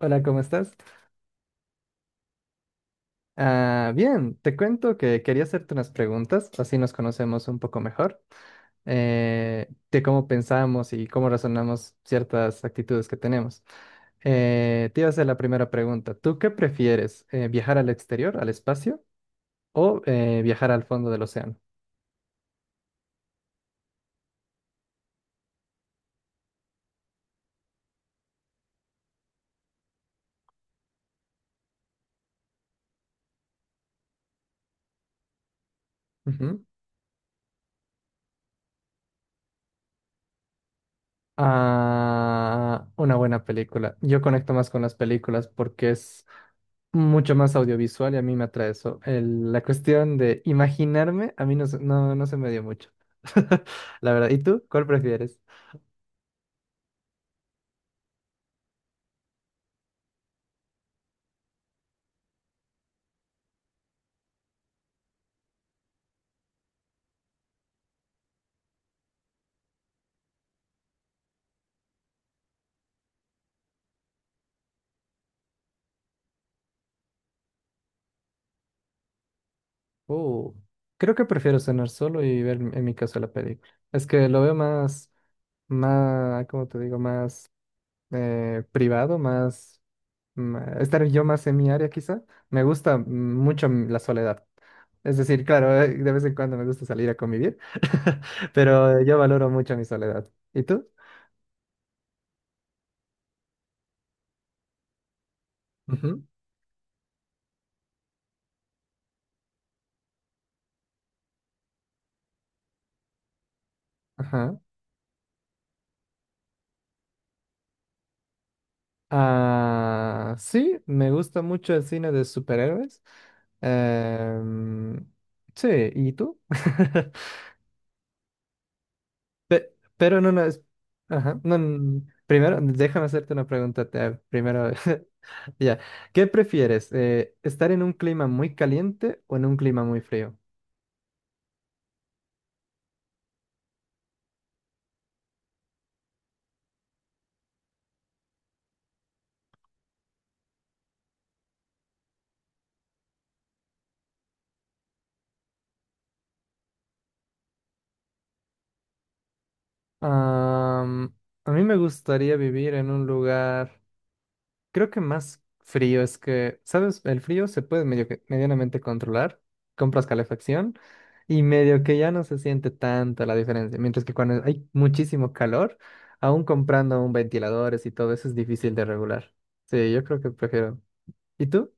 Hola, ¿cómo estás? Ah, bien, te cuento que quería hacerte unas preguntas, así nos conocemos un poco mejor, de cómo pensamos y cómo razonamos ciertas actitudes que tenemos. Te iba a hacer la primera pregunta. ¿Tú qué prefieres? ¿Viajar al exterior, al espacio, o viajar al fondo del océano? Ujú. Ah, una buena película. Yo conecto más con las películas porque es mucho más audiovisual y a mí me atrae eso. La cuestión de imaginarme, a mí no, no, no se me dio mucho. La verdad. ¿Y tú? ¿Cuál prefieres? Uh, Creo que prefiero cenar solo y ver en mi caso la película. Es que lo veo más, más, ¿cómo te digo? Más privado, más estar yo más en mi área quizá. Me gusta mucho la soledad. Es decir, claro, de vez en cuando me gusta salir a convivir, pero yo valoro mucho mi soledad. ¿Y tú? Ajá. Ah, sí, me gusta mucho el cine de superhéroes. Em, sí, ¿y tú? Pero no, no, ajá, no, no, primero, déjame hacerte una pregunta. Primero, ya. ¿Qué prefieres? ¿Estar en un clima muy caliente o en un clima muy frío? Am, a mí me gustaría vivir en un lugar. Creo que más frío, es que, ¿sabes? El frío se puede medianamente controlar. Compras calefacción y medio que ya no se siente tanto la diferencia. Mientras que cuando hay muchísimo calor, aún comprando un ventiladores y todo eso es difícil de regular. Sí, yo creo que prefiero. ¿Y tú?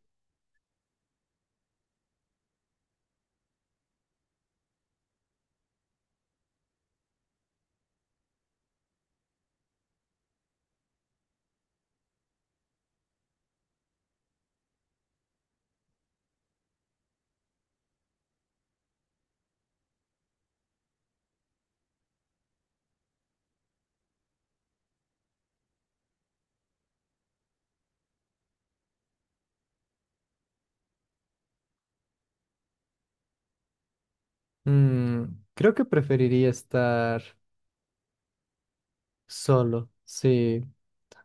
Mm, creo que preferiría estar solo, sí.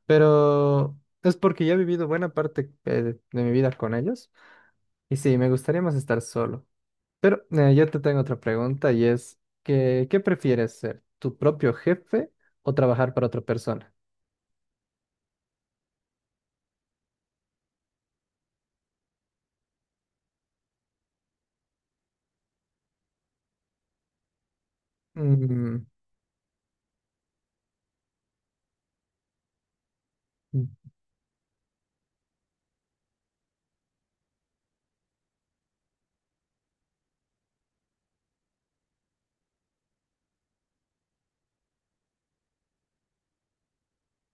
Pero es porque ya he vivido buena parte de mi vida con ellos. Y sí, me gustaría más estar solo. Pero yo te tengo otra pregunta y es que, ¿qué prefieres ser? ¿Tu propio jefe o trabajar para otra persona? Mm,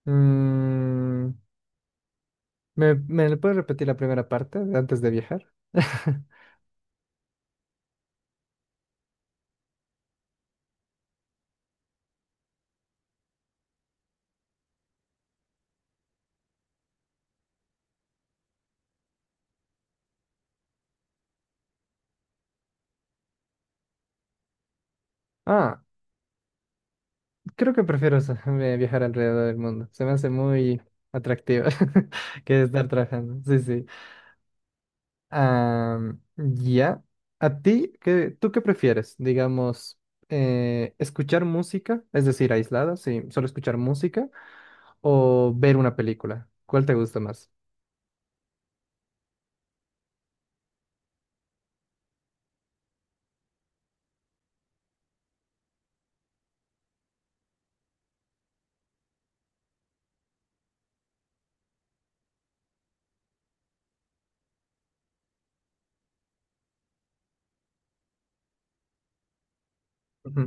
mm, ¿Me, me puedes repetir la primera parte antes de viajar? Ah, creo que prefiero viajar alrededor del mundo. Se me hace muy atractivo que estar trabajando. Sí, sí. Am, ya. ¿A ti qué, tú qué prefieres? Digamos, escuchar música, es decir, aislada, sí, solo escuchar música, o ver una película. ¿Cuál te gusta más? Ujú.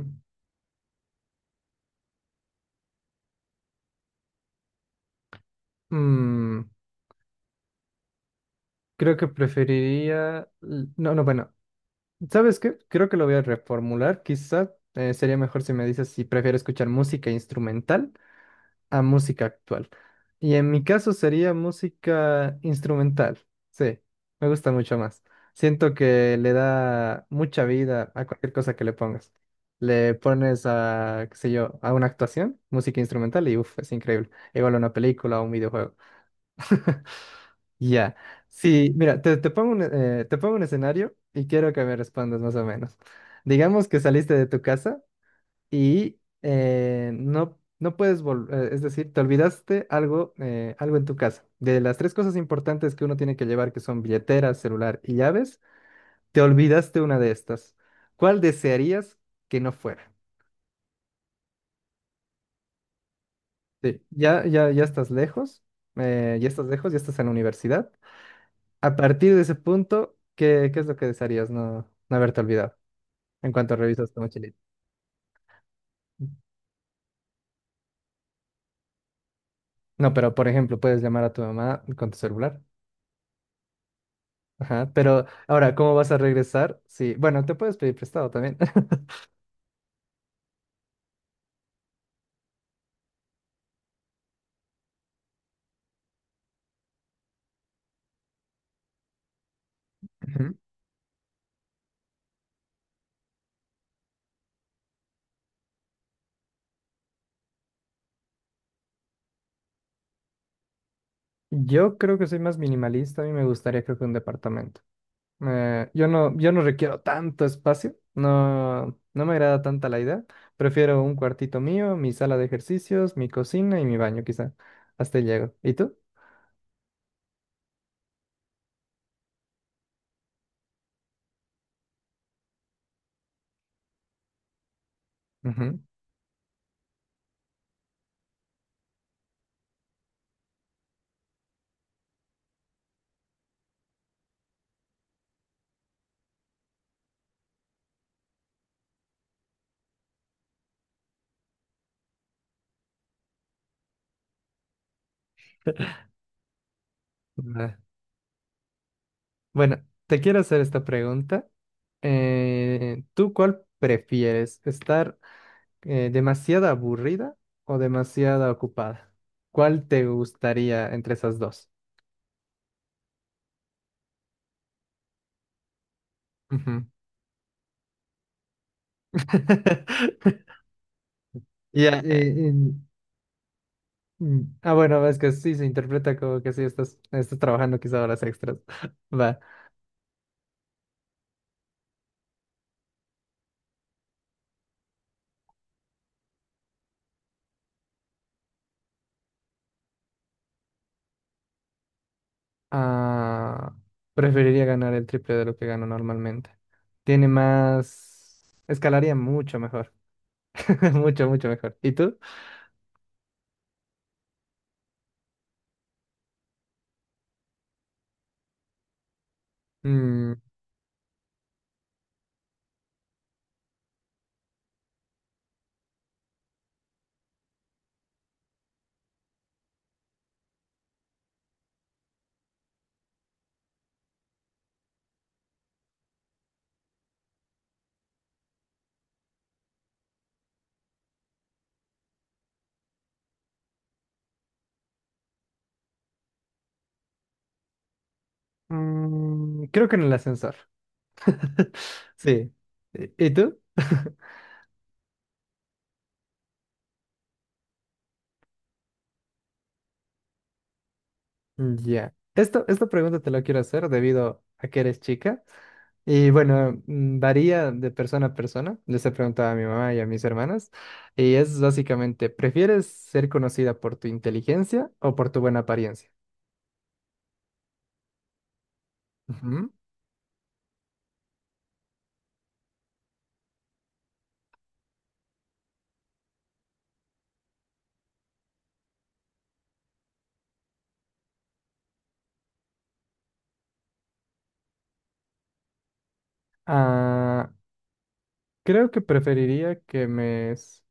Mm, creo que preferiría... No, no, bueno. ¿Sabes qué? Creo que lo voy a reformular. Quizá sería mejor si me dices si prefiero escuchar música instrumental a música actual. Y en mi caso sería música instrumental. Sí, me gusta mucho más. Siento que le da mucha vida a cualquier cosa que le pongas. Le pones a, qué sé yo, a una actuación, música instrumental y uff, es increíble. Igual a una película o un videojuego. Ya. Sí, mira, te, te pongo un escenario y quiero que me respondas más o menos. Digamos que saliste de tu casa y no, no puedes volver, es decir, te olvidaste algo, algo en tu casa. De las tres cosas importantes que uno tiene que llevar, que son billetera, celular y llaves, te olvidaste una de estas. ¿Cuál desearías que no fuera? Sí, ya, ya, ya estás lejos, ya estás lejos, ya estás en la universidad. A partir de ese punto, ¿qué, qué es lo que desearías no, no haberte olvidado en cuanto revisas tu mochilita? No, pero por ejemplo, puedes llamar a tu mamá con tu celular. Ajá, pero ahora, ¿cómo vas a regresar? Sí, bueno, te puedes pedir prestado también. Ujú. Yo creo que soy más minimalista, a mí me gustaría creo que un departamento. Yo no, yo no requiero tanto espacio, no, no me agrada tanta la idea. Prefiero un cuartito mío, mi sala de ejercicios, mi cocina y mi baño quizá. Hasta ahí llego. ¿Y tú? Ujú. Ah, bueno, te quiero hacer esta pregunta. ¿Tú cuál prefieres? ¿Estar demasiada aburrida o demasiada ocupada? ¿Cuál te gustaría entre esas dos? Ujú. Ya, bueno, es que sí se interpreta como que sí estás, estás trabajando quizá horas extras. Va. Ah, preferiría ganar el triple de lo que gano normalmente. Tiene más, escalaría mucho mejor, mucho, mucho mejor. ¿Y tú? Mm, creo que en el ascensor. Sí. Y tú? Ya. Esto, esta pregunta te la quiero hacer debido a que eres chica. Y bueno, varía de persona a persona. Les he preguntado a mi mamá y a mis hermanas. Y es básicamente, ¿prefieres ser conocida por tu inteligencia o por tu buena apariencia? Ujú. Ah, creo que preferiría que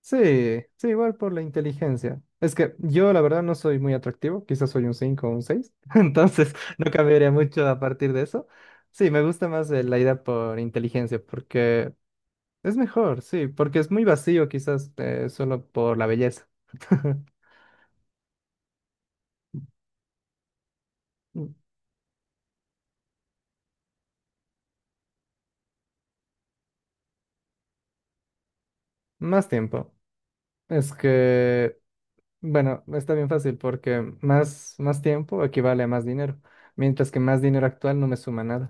sí, sí, igual por la inteligencia. Es que yo la verdad no soy muy atractivo, quizás soy un 5, o un 6. Entonces no cambiaría mucho a partir de eso. Sí, me gusta más la idea por inteligencia, porque es mejor, sí, porque es muy vacío quizás solo por la belleza. Mm, más tiempo. Es que, bueno, está bien fácil porque más, más tiempo equivale a más dinero, mientras que más dinero actual no me suma nada.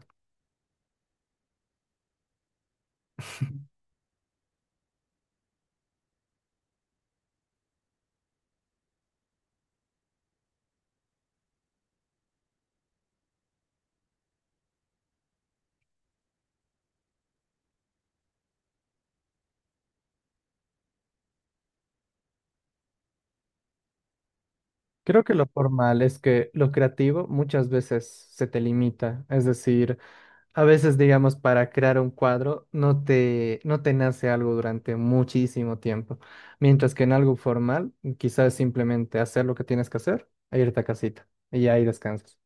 Creo que lo formal, es que lo creativo muchas veces se te limita, es decir, a veces digamos para crear un cuadro no te no te nace algo durante muchísimo tiempo, mientras que en algo formal quizás simplemente hacer lo que tienes que hacer e irte a casita y ahí descansas.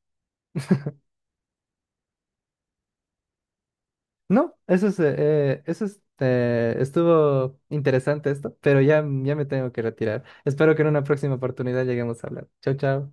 No, eso es, estuvo interesante esto, pero ya ya me tengo que retirar. Espero que en una próxima oportunidad lleguemos a hablar. Chao, chao.